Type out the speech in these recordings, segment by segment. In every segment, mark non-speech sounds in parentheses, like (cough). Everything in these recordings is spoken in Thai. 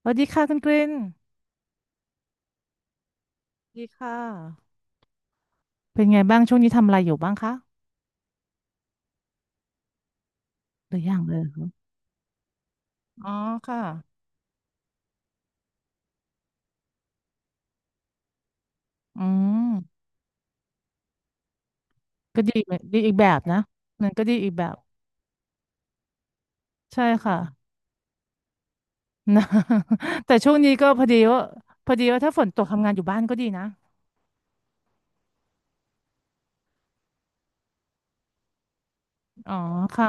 สวัสดีค่ะคุณกรินสวัสดีค่ะ เป็นไงบ้างช่วงนี้ทำอะไรอยู่บ้างคะหรือยังเลยคะอ๋อค่ะ อืม ก็ดีเหมือนดีอีกแบบนะมันก็ดีอีกแบบใช่ค่ะนะ (laughs) แต่ช่วงนี้ก็พอดีว่าพอดีว่าถ้าฝนตกทำงานอยู่บ้านก็ดีนะ อ๋อค่ะ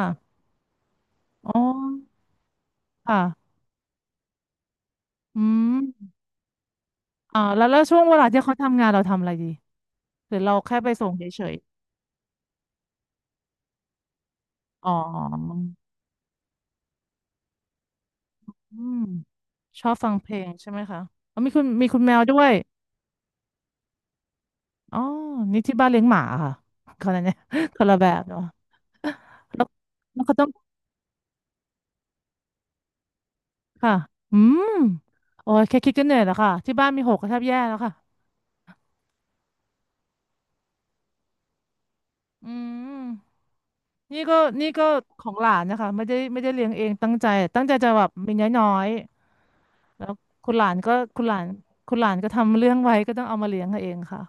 อ๋อค่ะ อืมอ๋อแล้วแล้วช่วงเวลาที่เขาทำงานเราทำอะไรดีหรือเราแค่ไปส่งเฉยๆอ๋ออืมชอบฟังเพลงใช่ไหมคะอ๋อมีคุณมีคุณแมวด้วย อ๋อนี่ที่บ้านเลี้ยงหมาค่ะคนละเนี่ย (laughs) คนละแบบเนาะแล้วแล้วเขาต้องค่ะอืมโอ้ยแค่คิดก็เหนื่อยแล้วค่ะที่บ้านมีหกก็แทบแย่แล้วค่ะอืมนี่ก็นี่ก็ของหลานนะคะไม่ได้ไม่ได้เลี้ยงเองตั้งใจตั้งใจจะแบบมีน้อยๆแล้วคุณหลานก็คุณหลานคุณหลานก็ทำเรื่องไว้ก็ต้องเอามาเลี้ยงเองค่ะ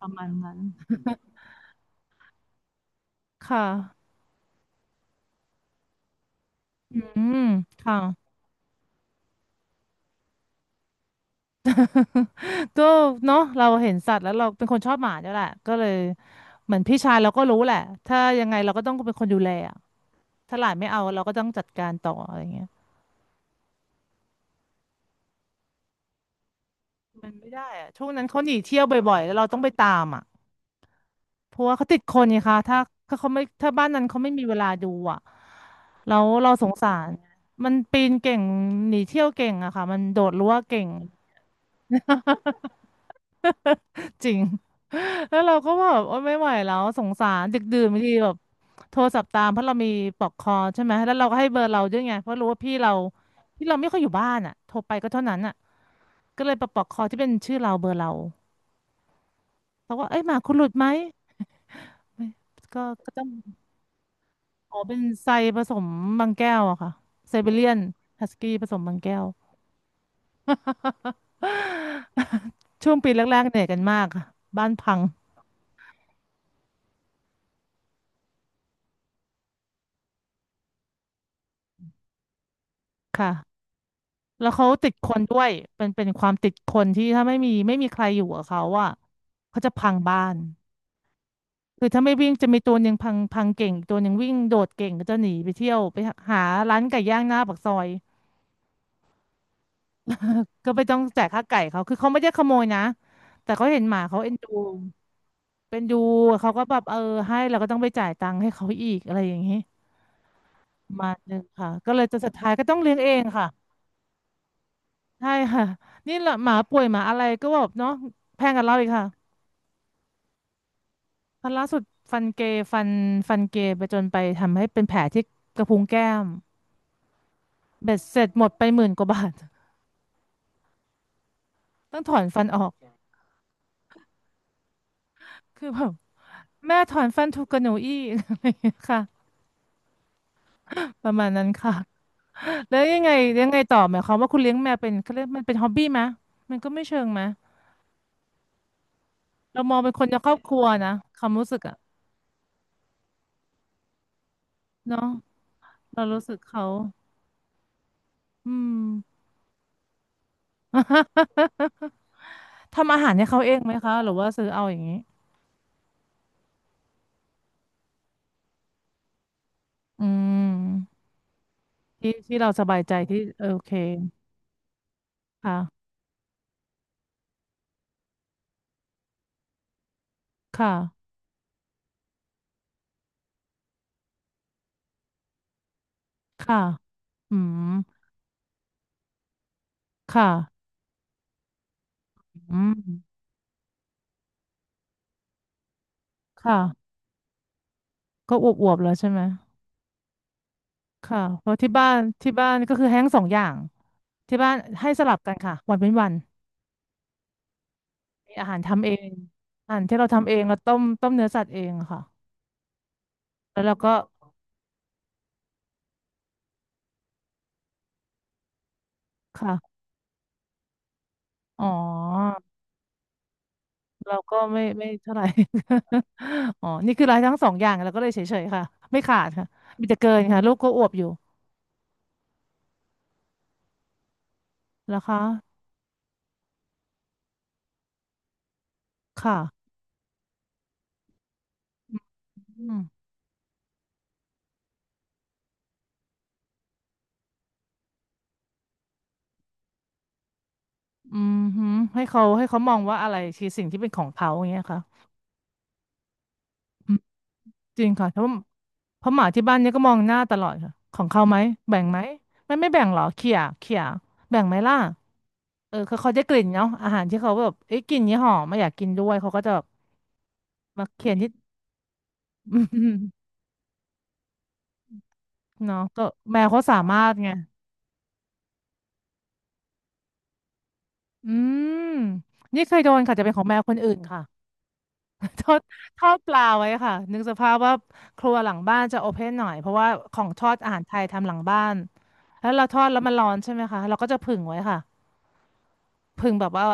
ประมาณนั้นค่ะอืมค่ะ ก็เนาะเราเห็นสัตว์แล้วเราเป็นคนชอบหมาเนี่ยแหละก็เลยเหมือนพี่ชายเราก็รู้แหละถ้ายังไงเราก็ต้องเป็นคนดูแลอะถ้าหลานไม่เอาเราก็ต้องจัดการต่ออะไรเงี้ยมันไม่ได้อะช่วงนั้นเขาหนีเที่ยวบ่อยๆแล้วเราต้องไปตามอ่ะเพราะว่าเขาติดคนไงคะถ้าถ้าเขาไม่ถ้าบ้านนั้นเขาไม่มีเวลาดูอ่ะแล้วเราสงสารมันปีนเก่งหนีเที่ยวเก่งอะค่ะมันโดดรั้วเก่ง (laughs) (laughs) จริงแล้วเราก็ว่าแบบโอ๊ยไม่ไหวแล้วสงสารดึกดื่นบางทีแบบโทรศัพท์ตามเพราะเรามีปลอกคอใช่ไหมแล้วเราก็ให้เบอร์เราด้วยไงเพราะรู้ว่าพี่เราพี่เราไม่ค่อยอยู่บ้านอ่ะโทรไปก็เท่านั้นอ่ะก็เลยไปปลอกคอที่เป็นชื่อเราเบอร์เราเขาว่าเอ้ยหมาคุณหลุดไหมไม่ก็ก็ต้องขอเป็นไซผสมบางแก้วอะค่ะไซบีเรียนฮัสกี้ผสมบางแก้ว (laughs) ช่วงปีแรกๆเหนื่อยกันมากค่ะบ้านพังค่ะ แล้วเขาติดคนด้วยเป็นเป็นความติดคนที่ถ้าไม่มีไม่มีใครอยู่กับเขาอ่ะเขาจะพังบ้านคือถ้าไม่วิ่งจะมีตัวหนึ่งพังพังเก่งอีกตัวหนึ่งวิ่งโดดเก่งก็จะหนีไปเที่ยวไปหาร้านไก่ย่างหน้าปากซอยก็ไปต้องจ่ายค่าไก่เขาคือเขาไม่ได้ขโมยนะแต่เขาเห็นหมาเขาเอ็นดูเป็นดูเขาก็แบบเออให้เราก็ต้องไปจ่ายตังค์ให้เขาอีกอะไรอย่างนี้ประมาณหนึ่งค่ะก็เลยจะสุดท้ายก็ต้องเลี้ยงเองค่ะใช่ค่ะนี่แหละหมาป่วยหมาอะไรก็แบบเนาะแพงกับเราอีกค่ะ ตอนล่าสุดฟันเกย์ฟันฟันเกย์ไปจนไปทำให้เป็นแผลที่กระพุ้งแก้มเบ็ดเสร็จหมดไปหมื่นกว่าบาท (laughs) ต้องถอนฟันออกคือแบบแม่ถอนฟันถูกกับหนูอีก (laughs) อะไรอย่างเงี้ยค่ะประมาณนั้นค่ะแล้วยังไงยังไงต่อหมายความว่าคุณเลี้ยงแมวเป็นเขาเรียกมันเป็นฮอบบี้ไหมมันก็ไม่เชิงไหมเรามองเป็นคนในครอบครัวนะความรู้สึกอะเนาะเรารู้สึกเขาอืม (laughs) ทำอาหารให้เขาเองไหมคะหรือว่าซื้อเอาอย่างนี้อืม ที่ที่เราสบายใจที่โอเคค่ะค่ะค่ะอืมค่ะอืมค่ะก็อวบๆแล้วใช่ไหมค่ะเพราะที่บ้านที่บ้านก็คือแห้งสองอย่างที่บ้านให้สลับกันค่ะวันเป็นวันมีอาหารทำเองอาหารที่เราทำเองเราต้มต้มเนื้อสัตว์เองค่ะแล้วเราก็ค่ะอ๋อเราก็ไม่ไม่เท่าไหร่ (laughs) อ๋อนี่คือรายทั้งสองอย่างเราก็เลยเฉยๆค่ะไม่ขาดค่ะมีแต่เกินค่ะลูกก็อวบอยู่นะคะค่ะ อืมอืมฮึให้เขาให้เขามองว่าอะไรคือสิ่งที่เป็นของเขาอย่างเงี้ยค่ะอืมจริงค่ะเพราะเพราะหมาที่บ้านเนี่ยก็มองหน้าตลอดค่ะของเขาไหมแบ่งไหมไม่ไม่แบ่งหรอเขี่ยเขี่ยแบ่งไหมล่ะเออเขาเขาจะกลิ่นเนาะอาหารที่เขาแบบเอ้ยกลิ่นนี้หอมไม่อยากกินด้วยเขาก็จะแบบมาเขี่ยนิดอืม (laughs) เนาะก็แมวเขาสามารถไงอืมนี่เคยโดนค่ะจะเป็นของแมวคนอื่นค่ะ ทอดทอดปลาไว้ค่ะนึกสภาพว่าครัวหลังบ้านจะโอเพนหน่อยเพราะว่าของทอดอาหารไทยทำหลังบ้านแล้วเราทอดแล้วมันร้อนใช่ไหมคะเราก็จะผึ่งไว้ค่ะผึ่งแบบว่า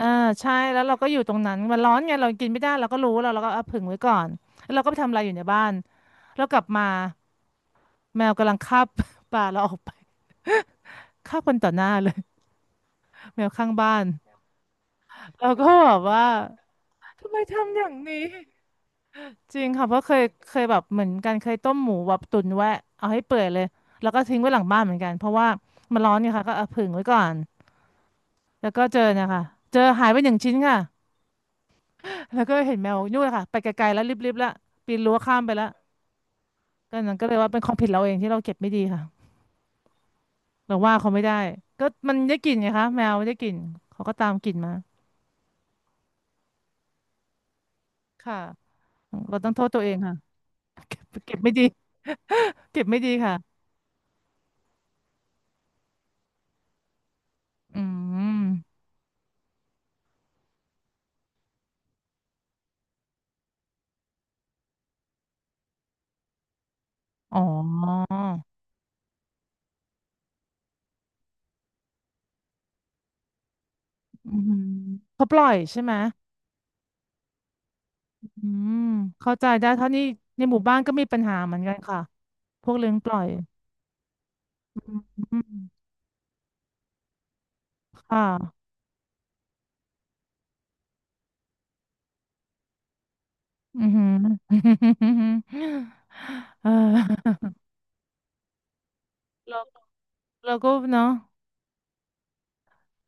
อ่าใช่แล้วเราก็อยู่ตรงนั้นมันร้อนไงเรากินไม่ได้เราก็รู้แล้วเราก็เอาผึ่งไว้ก่อนแล้วเราก็ไปทำอะไรอยู่ในบ้านแล้วกลับมาแมวกำลังคาบ (laughs) ปลาเราออกไปคาบคนต่อหน้าเลยแมวข้างบ้านเราก็แบบว่าทำไมทำอย่างนี้ จริงค่ะเพราะเคยแบบเหมือนกันเคยต้มหมูแบบตุ๋นไว้เอาให้เปื่อยเลยแล้วก็ทิ้งไว้หลังบ้านเหมือนกันเพราะว่ามันร้อนเนี่ยค่ะก็เอาผึ่งไว้ก่อนแล้วก็เจอเนะคะเจอหายไป1 ชิ้นค่ะแล้วก็เห็นแมวนู่นเลยค่ะไปไกลๆแล้วรีบๆแล้วปีนรั้วข้ามไปแล้วก็นั้นก็เลยว่าเป็นความผิดเราเองที่เราเก็บไม่ดีค่ะเราว่าเขาไม่ได้ก็มันได้กลิ่นไงคะแมวไม่ได้กลิ่นเขาก็ตามกลิ่นมาค่ะเราต้องโทษตัวเองค่ะเก็บไม่ดีเก็บไม่ดีค่ะอืมอ๋ออืมเขาปล่อยใช่ไหม อืมเข้าใจได้เท่านี้ในหมู่บ้านก็มีปัญหาเหมือนกันค่ะพวกเลี้ยงปล่อยอืมอืมค่ะอือหือ (laughs) เออเราเราก็เนาะ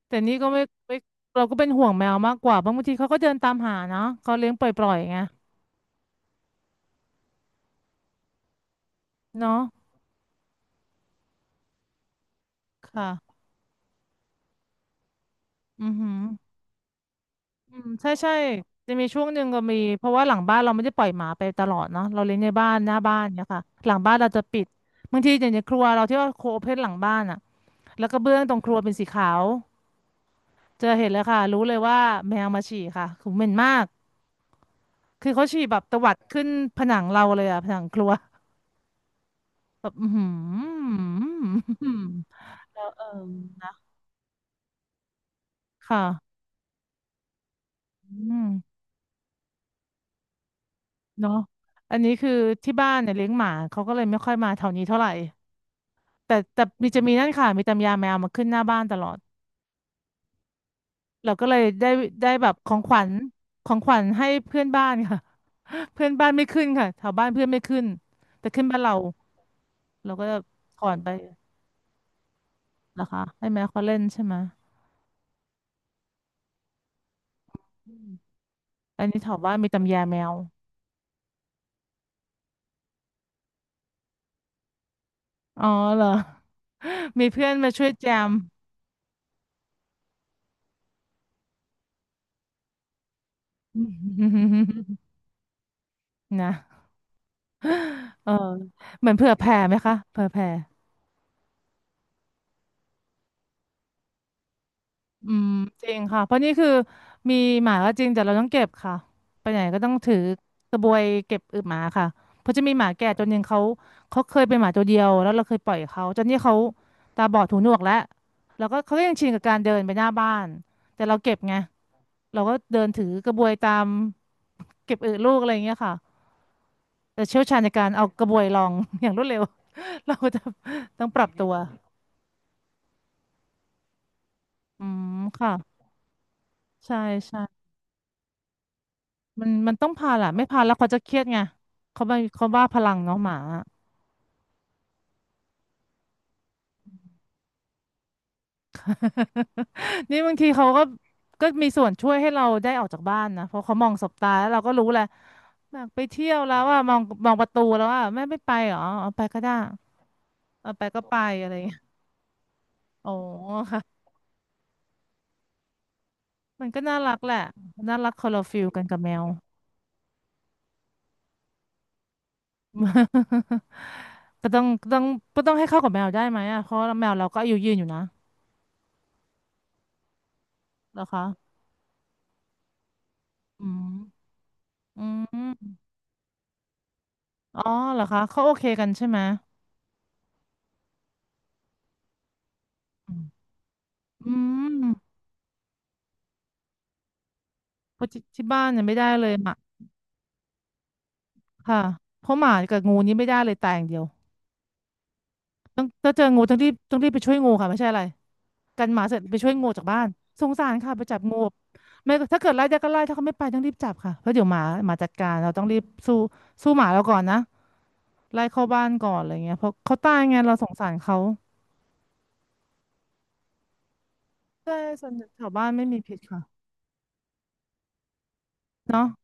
แต่นี่ก็ไม่เราก็เป็นห่วงแมวมากกว่าบางทีเขาก็เดินตามหาเนาะเขาเลี้ยงปล่อยๆไงเนาะค่ะอือหืออืมใช่ใช่จะมีช่วง 1ก็มีเพราะว่าหลังบ้านเราไม่ได้ปล่อยหมาไปตลอดเนาะเราเลี้ยงในบ้านหน้าบ้านเนี่ยค่ะหลังบ้านเราจะปิดบางทีอย่างในครัวเราที่ว่าโคเพ่นหลังบ้านอ่ะ แล้วก็เบื้องตรงครัวเป็นสีขาว เจอเห็นแล้วค่ะรู้เลยว่าแมวมาฉี่ค่ะคือเหม็นมากคือเขาฉี่แบบตวัดขึ้นผนังเราเลยอะผนังครัวแบบอือหืออื้แล้วเออนะค่ะอืมเนาะอันนี้คือที่บ้านเนี่ยเลี้ยงหมาเขาก็เลยไม่ค่อยมาแถวนี้เท่าไหร่แต่แต่มีจะมีนั่นค่ะมีตำยาแมวมาขึ้นหน้าบ้านตลอดเราก็เลยได้ได้แบบของขวัญของขวัญให้เพื่อนบ้านค่ะ (laughs) เพื่อนบ้านไม่ขึ้นค่ะแถวบ้านเพื่อนไม่ขึ้นแต่ขึ้นบ้านเรา เราก็จะถอนไปเหรอคะให้แมวเขาเล่นใช่ไหมอืมอันนี้แถวบ้านมีตำยาแมวอ๋อเหรอ (laughs) มีเพื่อนมาช่วยแจม (laughs) นะเออเหมือนเผื่อแผ่ไหมคะเผื่อแผ่ อืมจริงค่ะเพราะนี่คือมีหมาก็จริงแต่เราต้องเก็บค่ะไปไหนก็ต้องถือกระบวยเก็บอึหมาค่ะเพราะจะมีหมาแก่1 ตัวเขาเขาเคยเป็นหมาตัวเดียวแล้วเราเคยปล่อยเขาจนนี่เขาตาบอดหูหนวกแล้วแล้วก็เขาก็ยังชินกับการเดินไปหน้าบ้านแต่เราเก็บไงเราก็เดินถือกระบวยตามเก็บอึลูกอะไรอย่างเงี้ยค่ะแต่เชี่ยวชาญในการเอากระบวยลอง (laughs) อย่างรวดเร็วเราจะต้องปรับตัวอืมค่ะใช่ใช่ มันต้องพาแหละไม่พาแล้วเขาจะเครียดไงเขาไปเขาบ้าพลังเนาะหมา (laughs) นี่บางทีเขาก็ก็มีส่วนช่วยให้เราได้ออกจากบ้านนะเพราะเขามองสบตาแล้วเราก็รู้แหละอยากไปเที่ยวแล้วว่ามองมองประตูแล้วว่าแม่ไม่ไปเหรอเอาไปก็ได้เอาไปก็ไปอะไรอย่างเงี้ยโอ้ค่ะ (laughs) มันก็น่ารักแหละน่ารักคนละฟิลกันกับแมว (laughs) ก็ต้องก็ต้องก็ต้องให้เข้ากับแมวได้ไหมอ่ะเพราะแมวเราก็อายุยืนอยู่นะเหรอคะอืมอืม อ๋อเหรอคะเขาโอเคกันใช่ไหมอืมอืมเพราะที่บ้านเนี่ยไม่ได้เลยหมาค่ะเพราะหมากับงูนี่ไม่ได้เลยตายอย่างเดียวต้องถ้าเจองูต้องรีบไปช่วยงูค่ะไม่ใช่อะไรกันหมาเสร็จไปช่วยงูจากบ้านสงสารค่ะไปจับงูไม่ถ้าเกิดไล่ได้ก็ไล่ถ้าเขาไม่ไปต้องรีบจับค่ะเพราะเดี๋ยวหมาหมาจัดการเราต้องรีบสู้สู้หมาเราก่อนนะไล่เข้าบ้านก่อนอะไรเงี้ยเพราะเขาตายไงเราสงสารเขาใช่ส่วนใหญ่แถวบ้านไม่มีพิษค่ะ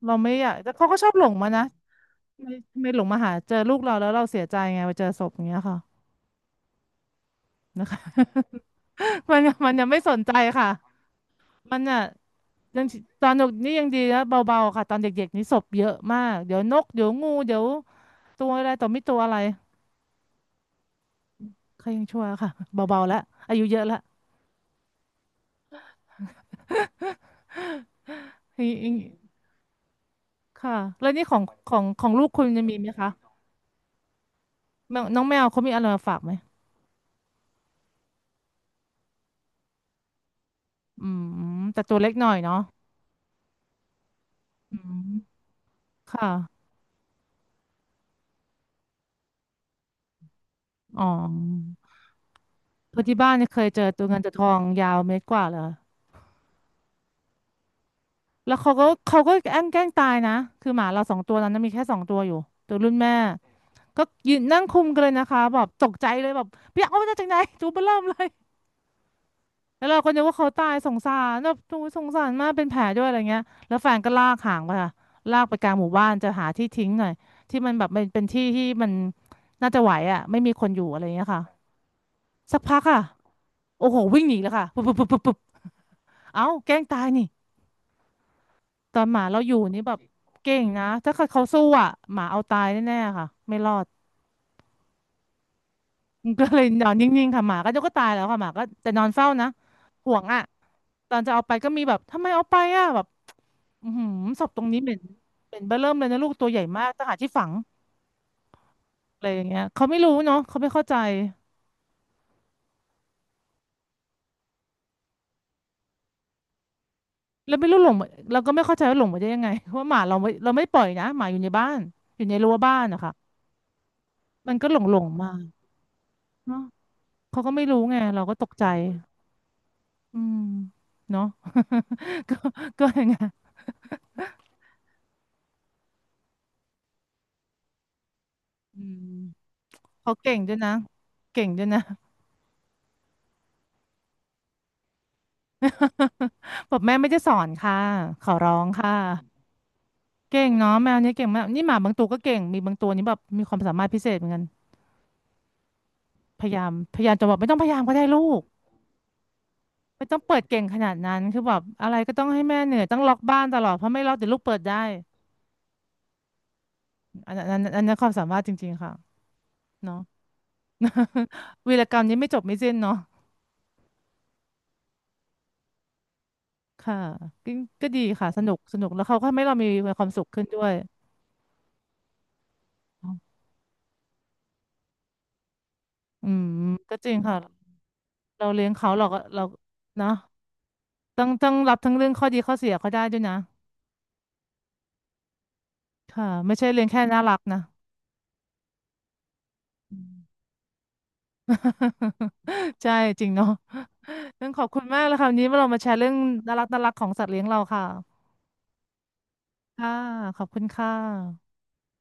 เราไม่อยากแต่เขาก็ชอบหลงมานะ ไม่ไม่หลงมาหาเจอลูกเราแล้วเราเสียใจไงไปเจอศพอย่างเงี้ยค่ะนะคะ (laughs) มันยังไม่สนใจค่ะมันอ่ะยังตอนเด็กนี่ยังดีนะเบาๆค่ะตอนเด็กๆนี่ศพเยอะมากเดี๋ยวนกเดี๋ยวงูเดี๋ยวตัวอะไรต่อมีตัวอะไรใครยังชั่วค่ะเบาๆแล้วอายุเยอะแล้วยค่ะแล้วนี่ของลูกคุณจะมีไหมคะแมวน้องแมวเขามีอะไรมาฝากไหมอืมแต่ตัวเล็กหน่อยเนาะอืมค่ะอ๋อ เพอที่บ้านเนี่ยเคยเจอตัวเงินตัวทองยาวเมตรกว่าเลยแล้วเขาก็แกล้งตายนะคือหมาเราสองตัวนั้นนะมีแค่สองตัวอยู่ตัวรุ่นแม่ก็ยืนนั่งคุมกันเลยนะคะแบบตกใจเลยแบบเปียกเอามาจากไหนตัวเบ้อเริ่มเลยแล้วเราก็นึกว่าเขาตายสงสารแบบโอ้ยสงสารมากเป็นแผลด้วยอะไรเงี้ยแล้วแฟนก็ลากหางไปค่ะลากไปกลางหมู่บ้านจะหาที่ทิ้งหน่อยที่มันแบบเป็นที่ที่มันน่าจะไหวอ่ะไม่มีคนอยู่อะไรเงี้ยค่ะสักพักค่ะโอ้โหวิ่งหนีแล้วค่ะปุ๊บปุ๊บปุ๊บปุ๊บปุ๊บเอ้าแกล้งตายนี่ ตอนหมาเราอยู่นี่แบบเก่งนะถ้าเกิดเขาสู้อ่ะหมาเอาตายแน่ๆค่ะไม่รอด (laughs) ก็เลยนอนนิ่งๆค่ะหมาก็เดก็ตายแล้วค่ะหมาก็แต่นอนเฝ้านะห่วงอ่ะตอนจะเอาไปก็มีแบบทำไมเอาไปอ่ะแบบอือหือศพตรงนี้เหม็นเหม็นเบ้อเริ่มเลยนะลูกตัวใหญ่มากต้องหาที่ฝังอะไรอย่างเงี้ยเขาไม่รู้เนาะเขาไม่เข้าใจแล้วไม่รู้หลงมาเราก็ไม่เข้าใจว่าหลงมาได้ยังไง (laughs) ว่าหมาเราไม่เราไม่ปล่อยนะหมาอยู่ในบ้านอยู่ในรั้วบ้านนะคะมันก็หลงมาเนาะเขาก็ไม่รู้ไงเราก็ตกใจ อืมเนาะ (laughs) ก็ก็อย่างเงี้ยอืมเขาเก่งด้วยนะเก่งด้วยนะ (laughs) บอกแม่ไม่ได้สอนค่ะขอร้องค่ะเก่งเนาะแมวเนี้ยเก่งมากนี่หมาบางตัวก็เก่งมีบางตัวนี่แบบมีความสามารถพิเศษเหมือนกันพยายามจะบอกไม่ต้องพยายามก็ได้ลูกไม่ต้องเปิดเก่งขนาดนั้นคือแบบอะไรก็ต้องให้แม่เหนื่อยต้องล็อกบ้านตลอดเพราะไม่ล็อกเดี๋ยวลูกเปิดได้อันนั้นความสามารถจริงๆค่ะเนาะ (laughs) วีรกรรมนี้ไม่จบไม่สิ้นเนาะ ค่ะก็ก็ดีค่ะสนุกสนุกแล้วเขาก็ทำให้เรามีความสุขขึ้นด้วยอืมก็จริงค่ะเราเลี้ยงเขาเราก็เราเนาะต้องรับทั้งเรื่องข้อดีข้อเสียเขาได้ด้วยนะค่ะไม่ใช่เลี้ยงแค่น่ารักนะ (laughs) อืม (laughs) ใช่จริงเนาะต้องขอบคุณมากเลยค่ะวันนี้เรามาแชร์เรื่องน่ารักน่ารักของสัตว์เลี้ยงเราค่ะค่ะขอบคุณค่ะ